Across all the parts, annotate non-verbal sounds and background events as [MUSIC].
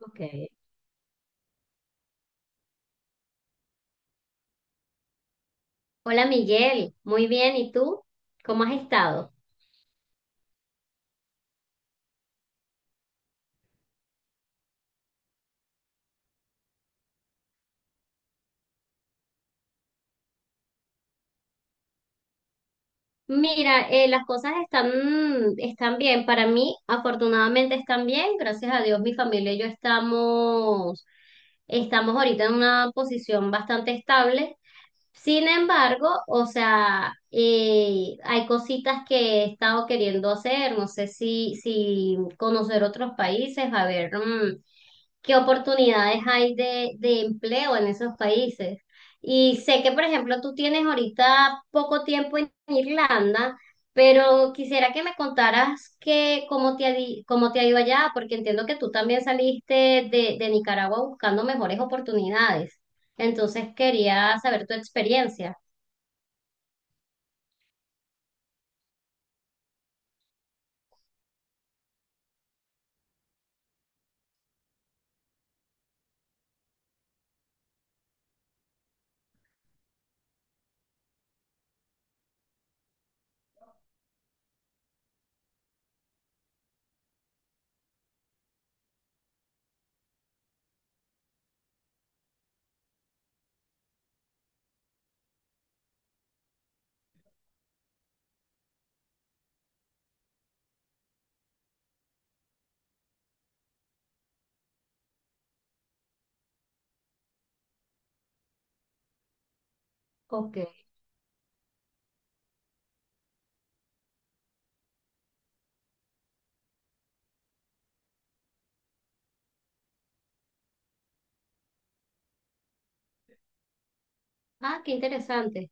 Ok. Hola Miguel, muy bien, ¿y tú? ¿Cómo has estado? Mira, las cosas están bien. Para mí, afortunadamente están bien. Gracias a Dios, mi familia y yo estamos ahorita en una posición bastante estable. Sin embargo, o sea, hay cositas que he estado queriendo hacer. No sé si conocer otros países, a ver, qué oportunidades hay de empleo en esos países. Y sé que, por ejemplo, tú tienes ahorita poco tiempo en Irlanda, pero quisiera que me contaras que, cómo te ha ido allá, porque entiendo que tú también saliste de Nicaragua buscando mejores oportunidades. Entonces quería saber tu experiencia. Ok. Ah, qué interesante.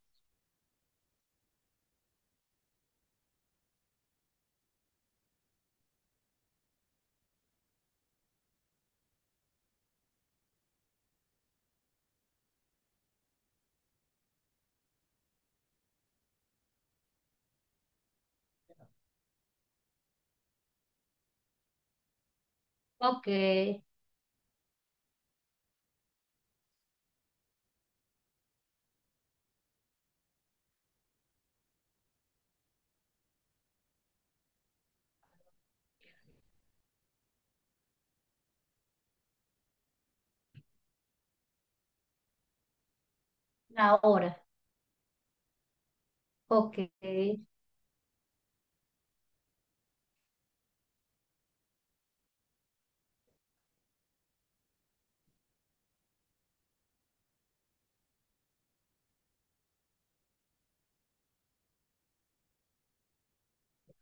Ok. La hora. Ok.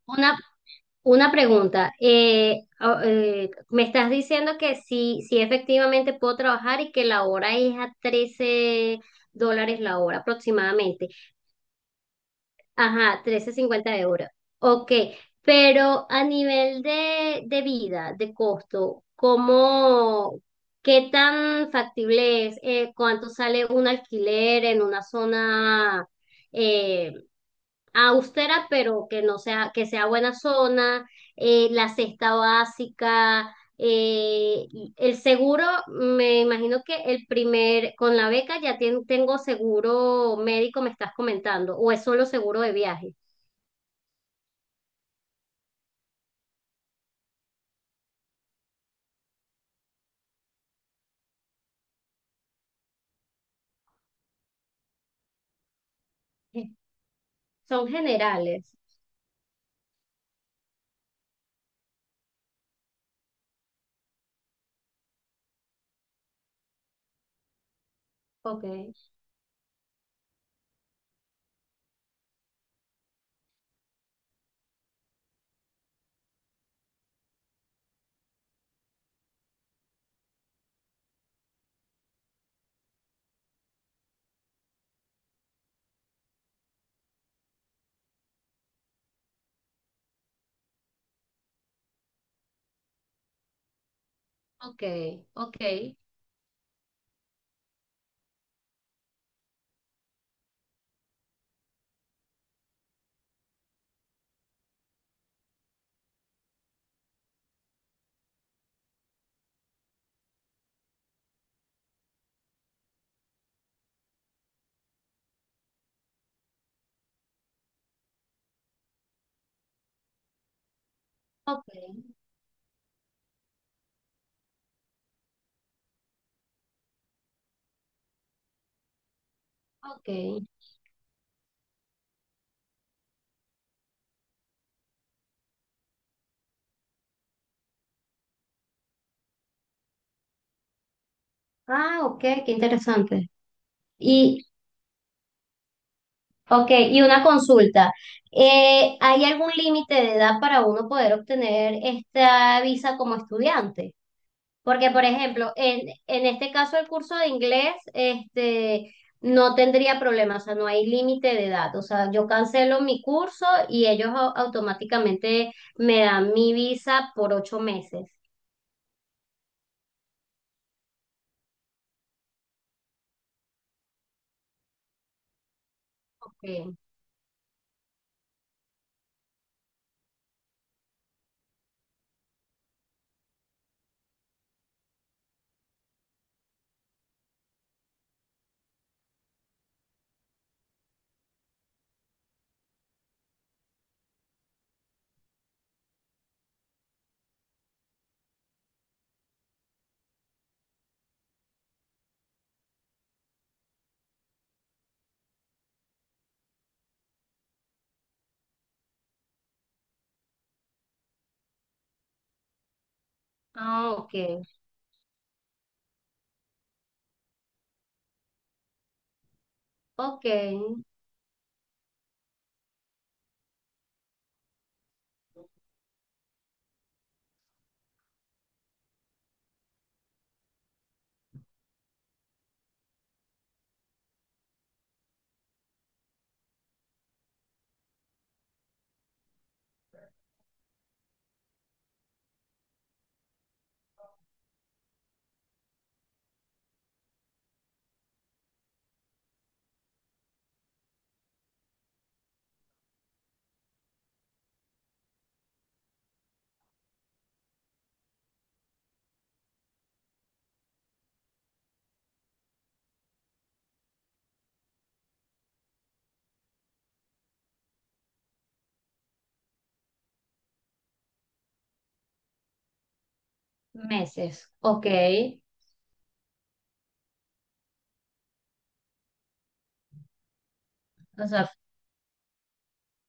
Una Una pregunta, me estás diciendo que sí efectivamente puedo trabajar y que la hora es a 13 dólares la hora aproximadamente. Ajá, 13,50 euros. Ok, pero a nivel de vida, de costo, ¿cómo, qué tan factible es? ¿Cuánto sale un alquiler en una zona? eh, Austera, pero que no sea, que sea buena zona. La cesta básica, y el seguro, me imagino que el primer, con la beca ya tengo seguro médico, me estás comentando, o es solo seguro de viaje. Sí. Son generales. Ok, ok, ok, ok, ok. Ah, ok, qué interesante. Ok, y una consulta. ¿Hay algún límite de edad para uno poder obtener esta visa como estudiante? Porque, por ejemplo, en este caso el curso de inglés, este, no tendría problema, o sea, no hay límite de edad. O sea, yo cancelo mi curso y ellos automáticamente me dan mi visa por 8 meses. Ok. Ah, ok. Ok. Meses. Ok. O sea,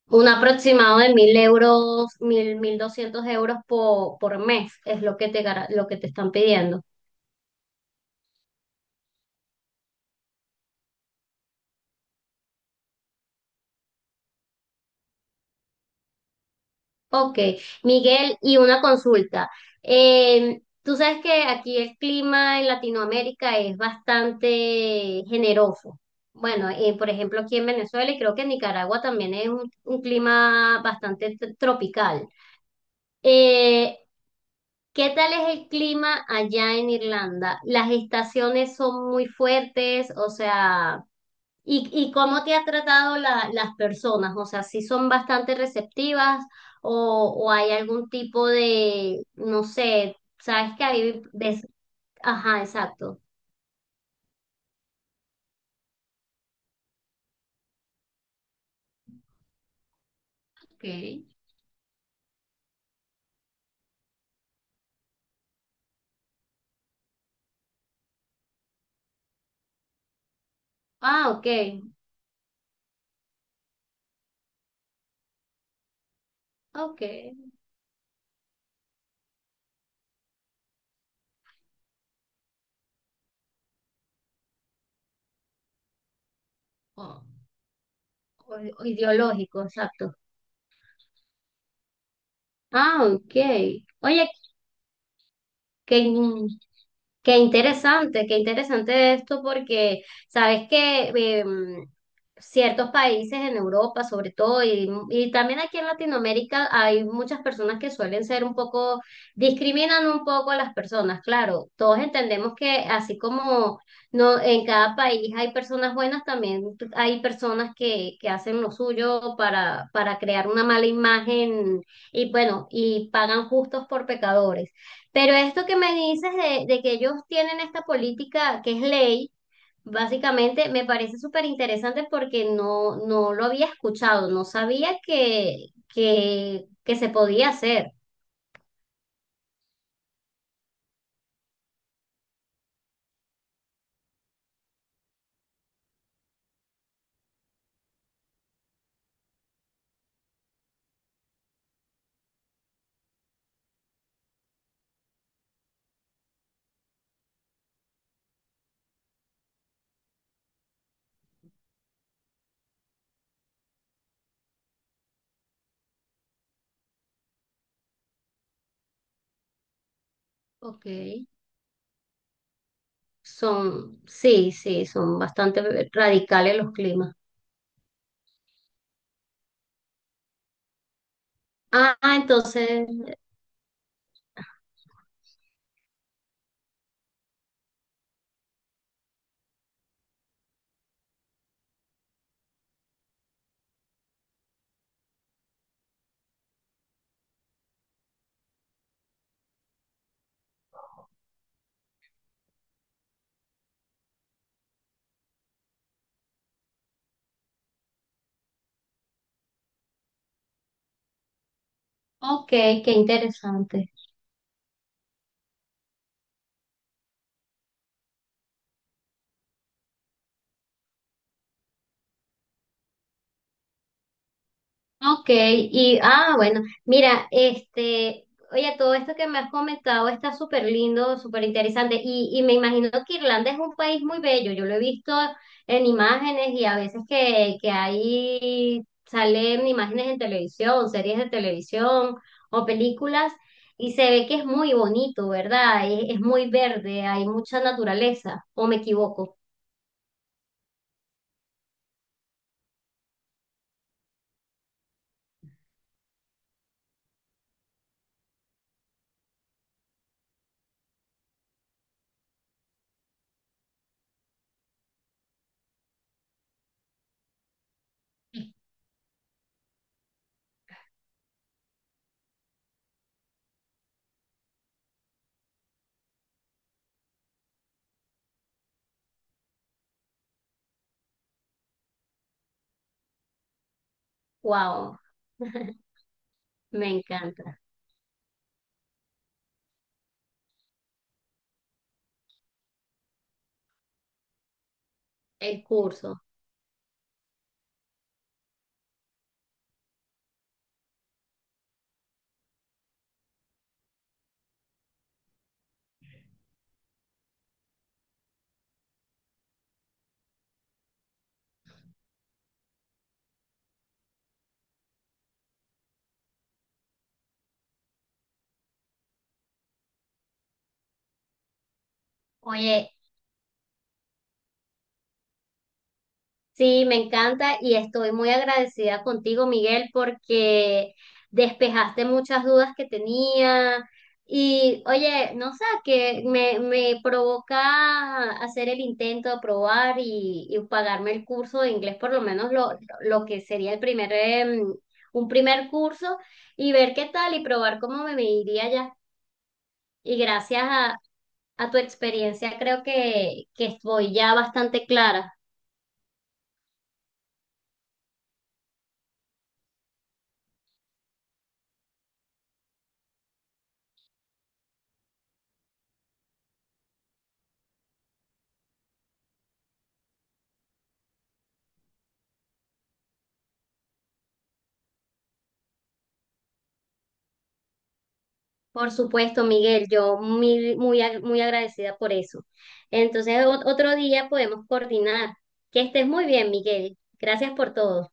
un aproximado de 1.000 euros, 1.200 euros por mes es lo que te, lo que te están pidiendo. Ok, Miguel, y una consulta. Tú sabes que aquí el clima en Latinoamérica es bastante generoso. Bueno, por ejemplo, aquí en Venezuela y creo que en Nicaragua también es un clima bastante tropical. Eh, ¿Qué tal es el clima allá en Irlanda? ¿Las estaciones son muy fuertes? O sea. Y cómo te ha tratado las personas? O sea, si son bastante receptivas o hay algún tipo de, no sé, sabes que hay, ajá, exacto. Ok. Ah, ok, ok. Oh, O- o ideológico, exacto. Ah, ok. Oye, que qué interesante esto porque sabes que em, ciertos países en Europa, sobre todo, y también aquí en Latinoamérica, hay muchas personas que suelen ser un poco, discriminan un poco a las personas. Claro, todos entendemos que así como no, en cada país hay personas buenas, también hay personas que hacen lo suyo para crear una mala imagen y bueno, y pagan justos por pecadores. Pero esto que me dices de que ellos tienen esta política que es ley, básicamente me parece súper interesante porque no lo había escuchado, no sabía que se podía hacer. Ok. Sí, sí, son bastante radicales los climas. Ah, entonces, ok, qué interesante. Ok, y bueno, mira, este, oye, todo esto que me has comentado está súper lindo, súper interesante, y me imagino que Irlanda es un país muy bello, yo lo he visto en imágenes y a veces que ahí salen imágenes en televisión, series de televisión o películas, y se ve que es muy bonito, ¿verdad? Es muy verde, hay mucha naturaleza, ¿o me equivoco? Wow, [LAUGHS] me encanta el curso. Oye, sí, me encanta y estoy muy agradecida contigo, Miguel, porque despejaste muchas dudas que tenía. Y oye, no sé, me provoca hacer el intento de probar y pagarme el curso de inglés, por lo menos lo que sería un primer curso, y ver qué tal y probar cómo me iría ya. Y gracias a tu experiencia, creo que estoy ya bastante clara. Por supuesto, Miguel, yo muy, muy, muy agradecida por eso. Entonces, otro día podemos coordinar. Que estés muy bien, Miguel. Gracias por todo.